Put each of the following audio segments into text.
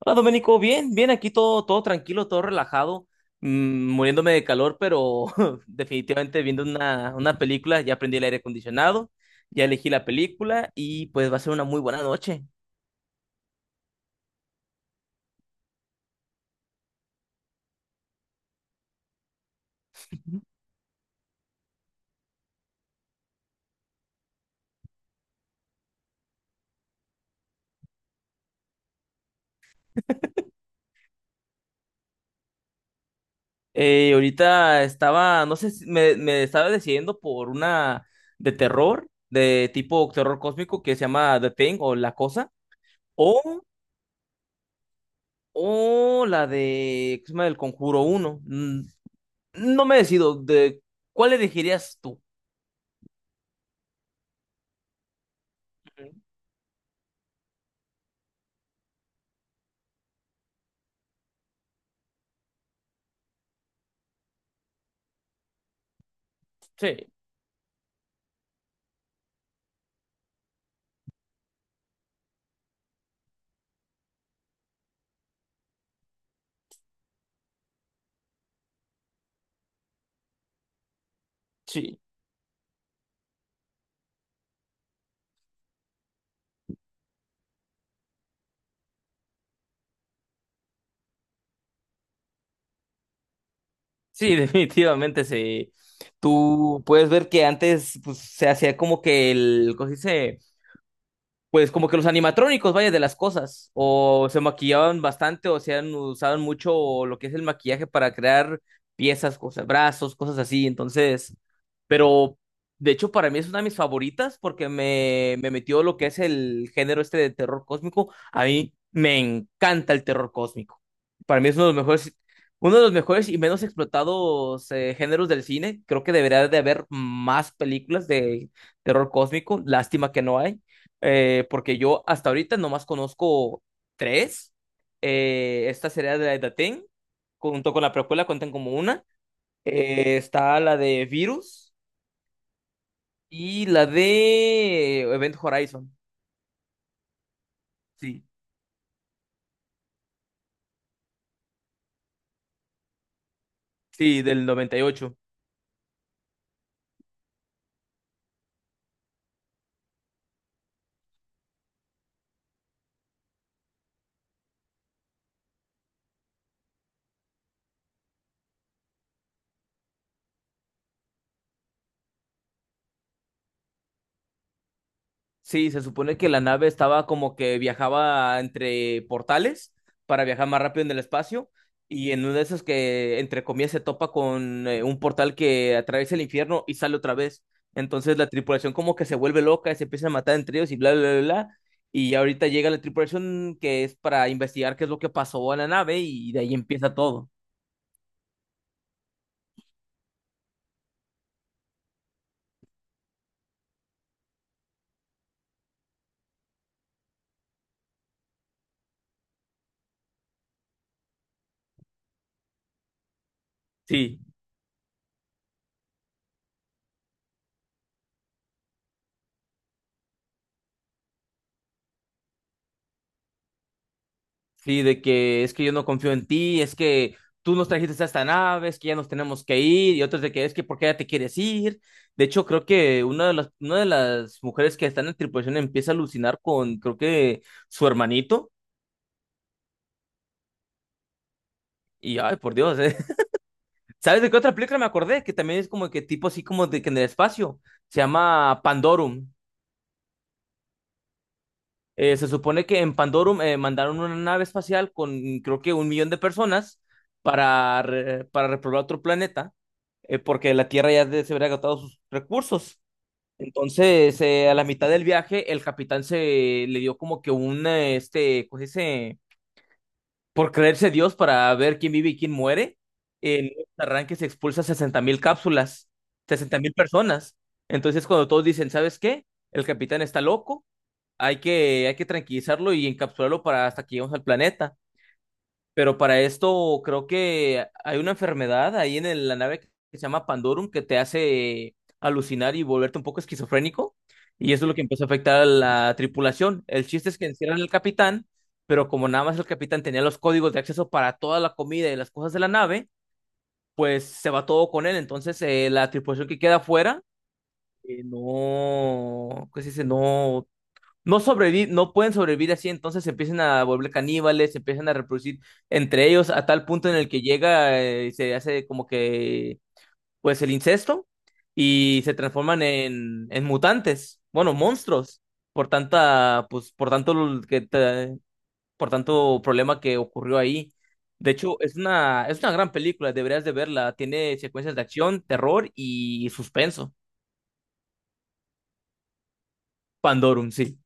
Hola Domenico, bien, bien, aquí todo tranquilo, todo relajado, muriéndome de calor, pero definitivamente viendo una película, ya aprendí el aire acondicionado, ya elegí la película y pues va a ser una muy buena noche. Ahorita estaba, no sé, me estaba decidiendo por una de terror, de tipo terror cósmico que se llama The Thing o La Cosa, o, o la de, ¿qué se llama? El Conjuro uno. No me decido, ¿cuál elegirías tú? Sí. Sí, sí, definitivamente sí. Tú puedes ver que antes pues, se hacía como que el, ¿cómo se dice? Pues como que los animatrónicos, vaya, de las cosas, o se maquillaban bastante, o se han usaban mucho lo que es el maquillaje para crear piezas, cosas, brazos, cosas así, entonces, pero de hecho para mí es una de mis favoritas porque me metió lo que es el género este de terror cósmico, a mí me encanta el terror cósmico, para mí es uno de los mejores, uno de los mejores y menos explotados géneros del cine, creo que debería de haber más películas de terror cósmico, lástima que no hay porque yo hasta ahorita nomás conozco tres. Esta sería de la de The Thing, junto con la precuela cuentan como una. Está la de Virus y la de Event Horizon. Sí, sí, del noventa y ocho. Sí, se supone que la nave estaba como que viajaba entre portales para viajar más rápido en el espacio y en uno de esos que entre comillas se topa con un portal que atraviesa el infierno y sale otra vez. Entonces la tripulación como que se vuelve loca, se empieza a matar entre ellos y bla, bla, bla, bla. Y ahorita llega la tripulación que es para investigar qué es lo que pasó a la nave y de ahí empieza todo. Sí. Sí, de que es que yo no confío en ti, es que tú nos trajiste a esta nave, es que ya nos tenemos que ir, y otros de que es que por qué ya te quieres ir. De hecho, creo que una de las mujeres que están en tripulación empieza a alucinar con, creo que, su hermanito. Y ay, por Dios, ¿eh? ¿Sabes de qué otra película me acordé? Que también es como que tipo así como de que en el espacio. Se llama Pandorum. Se supone que en Pandorum mandaron una nave espacial con creo que un millón de personas para, para repoblar otro planeta, porque la Tierra ya se habría agotado sus recursos. Entonces, a la mitad del viaje, el capitán se le dio como que un, este, pues ese por creerse Dios para ver quién vive y quién muere. En un arranque se expulsa 60.000 cápsulas, 60.000 personas. Entonces, cuando todos dicen, ¿sabes qué? El capitán está loco, hay que tranquilizarlo y encapsularlo para hasta que lleguemos al planeta. Pero para esto creo que hay una enfermedad ahí en la nave que se llama Pandorum que te hace alucinar y volverte un poco esquizofrénico. Y eso es lo que empezó a afectar a la tripulación. El chiste es que encierran al capitán, pero como nada más el capitán tenía los códigos de acceso para toda la comida y las cosas de la nave, pues se va todo con él. Entonces la tripulación que queda afuera no, ¿qué se dice? No pueden sobrevivir así, entonces se empiezan a volver caníbales, se empiezan a reproducir entre ellos a tal punto en el que llega, se hace como que, pues el incesto y se transforman en mutantes, bueno, monstruos, por tanta, pues, por tanto l- que te- por tanto problema que ocurrió ahí. De hecho, es una gran película, deberías de verla. Tiene secuencias de acción, terror y suspenso. Pandorum, sí.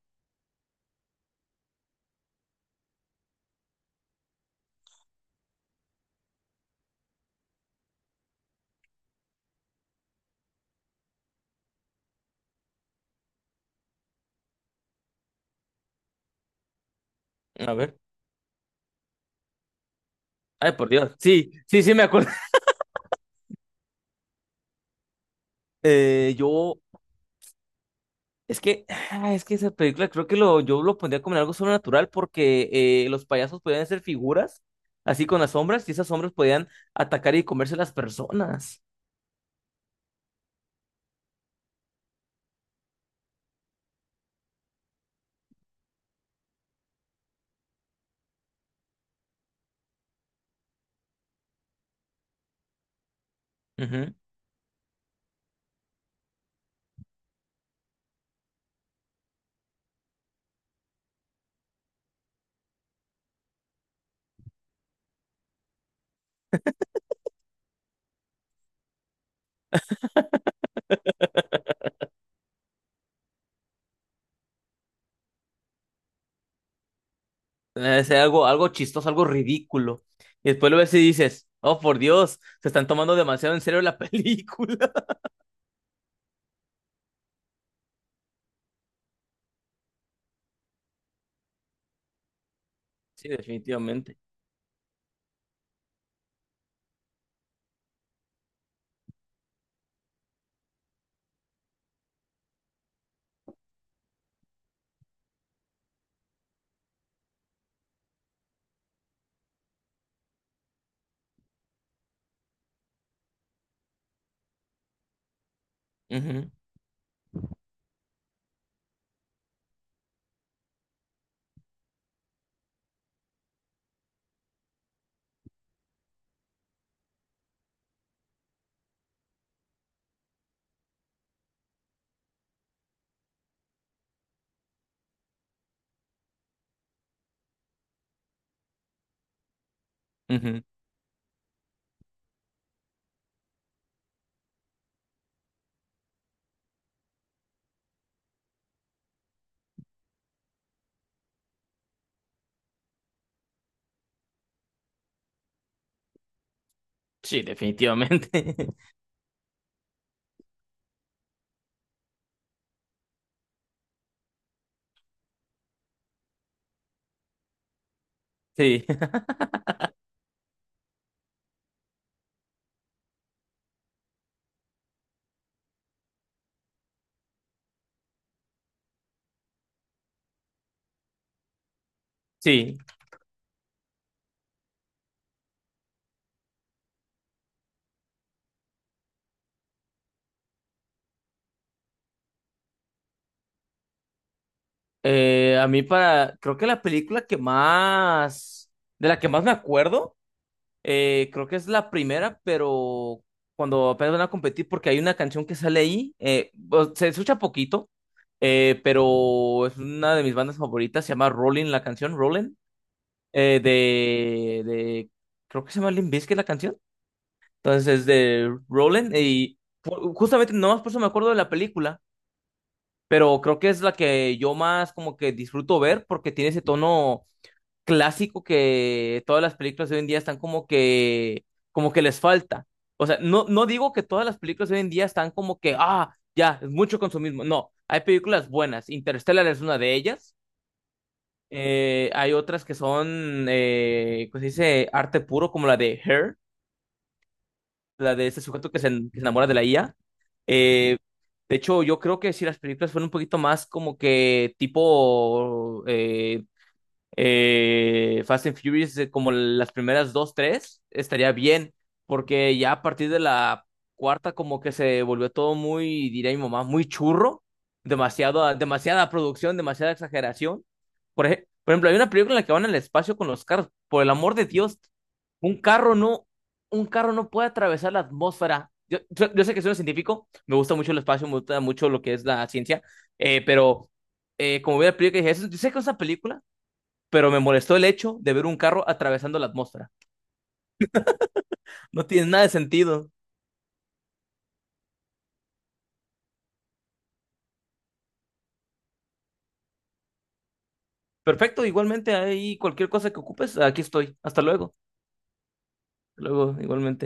A ver. Ay, por Dios. Sí, sí, sí, me acuerdo. Yo, es que, ah, es que esa película creo que lo, yo lo pondría como en algo sobrenatural porque los payasos podían ser figuras así con las sombras y esas sombras podían atacar y comerse las personas. Ujú. Sea algo, algo chistoso, algo ridículo. Y después lo ves y dices, oh, por Dios, se están tomando demasiado en serio la película. Sí, definitivamente. Ujú, ujú. Sí, definitivamente. Sí, sí. A mí para, creo que la película que más, de la que más me acuerdo, creo que es la primera, pero cuando apenas van a competir, porque hay una canción que sale ahí, se escucha poquito, pero es una de mis bandas favoritas, se llama Rolling, la canción Rolling, eh, de, de, creo que se llama Limp Bizkit la canción, entonces es de Rolling, y justamente nomás por eso me acuerdo de la película, pero creo que es la que yo más como que disfruto ver porque tiene ese tono clásico que todas las películas de hoy en día están como que les falta. O sea, no, no digo que todas las películas de hoy en día están como que, ah, ya, es mucho consumismo. No, hay películas buenas. Interstellar es una de ellas. Hay otras que son, ¿cómo se dice? Arte puro, como la de Her, la de este sujeto que se enamora de la IA. Eh, de hecho, yo creo que si las películas fueran un poquito más como que tipo Fast and Furious, como las primeras dos, tres, estaría bien, porque ya a partir de la cuarta como que se volvió todo muy, diría mi mamá, muy churro, demasiado, demasiada producción, demasiada exageración. Por ejemplo, hay una película en la que van al espacio con los carros, por el amor de Dios, un carro no, un carro no puede atravesar la atmósfera. Yo sé que soy un científico, me gusta mucho el espacio, me gusta mucho lo que es la ciencia, pero como vi la película, dije, "Eso- yo sé que es una película, pero me molestó el hecho de ver un carro atravesando la atmósfera. No tiene nada de sentido. Perfecto, igualmente ahí cualquier cosa que ocupes, aquí estoy. Hasta luego. Hasta luego, igualmente.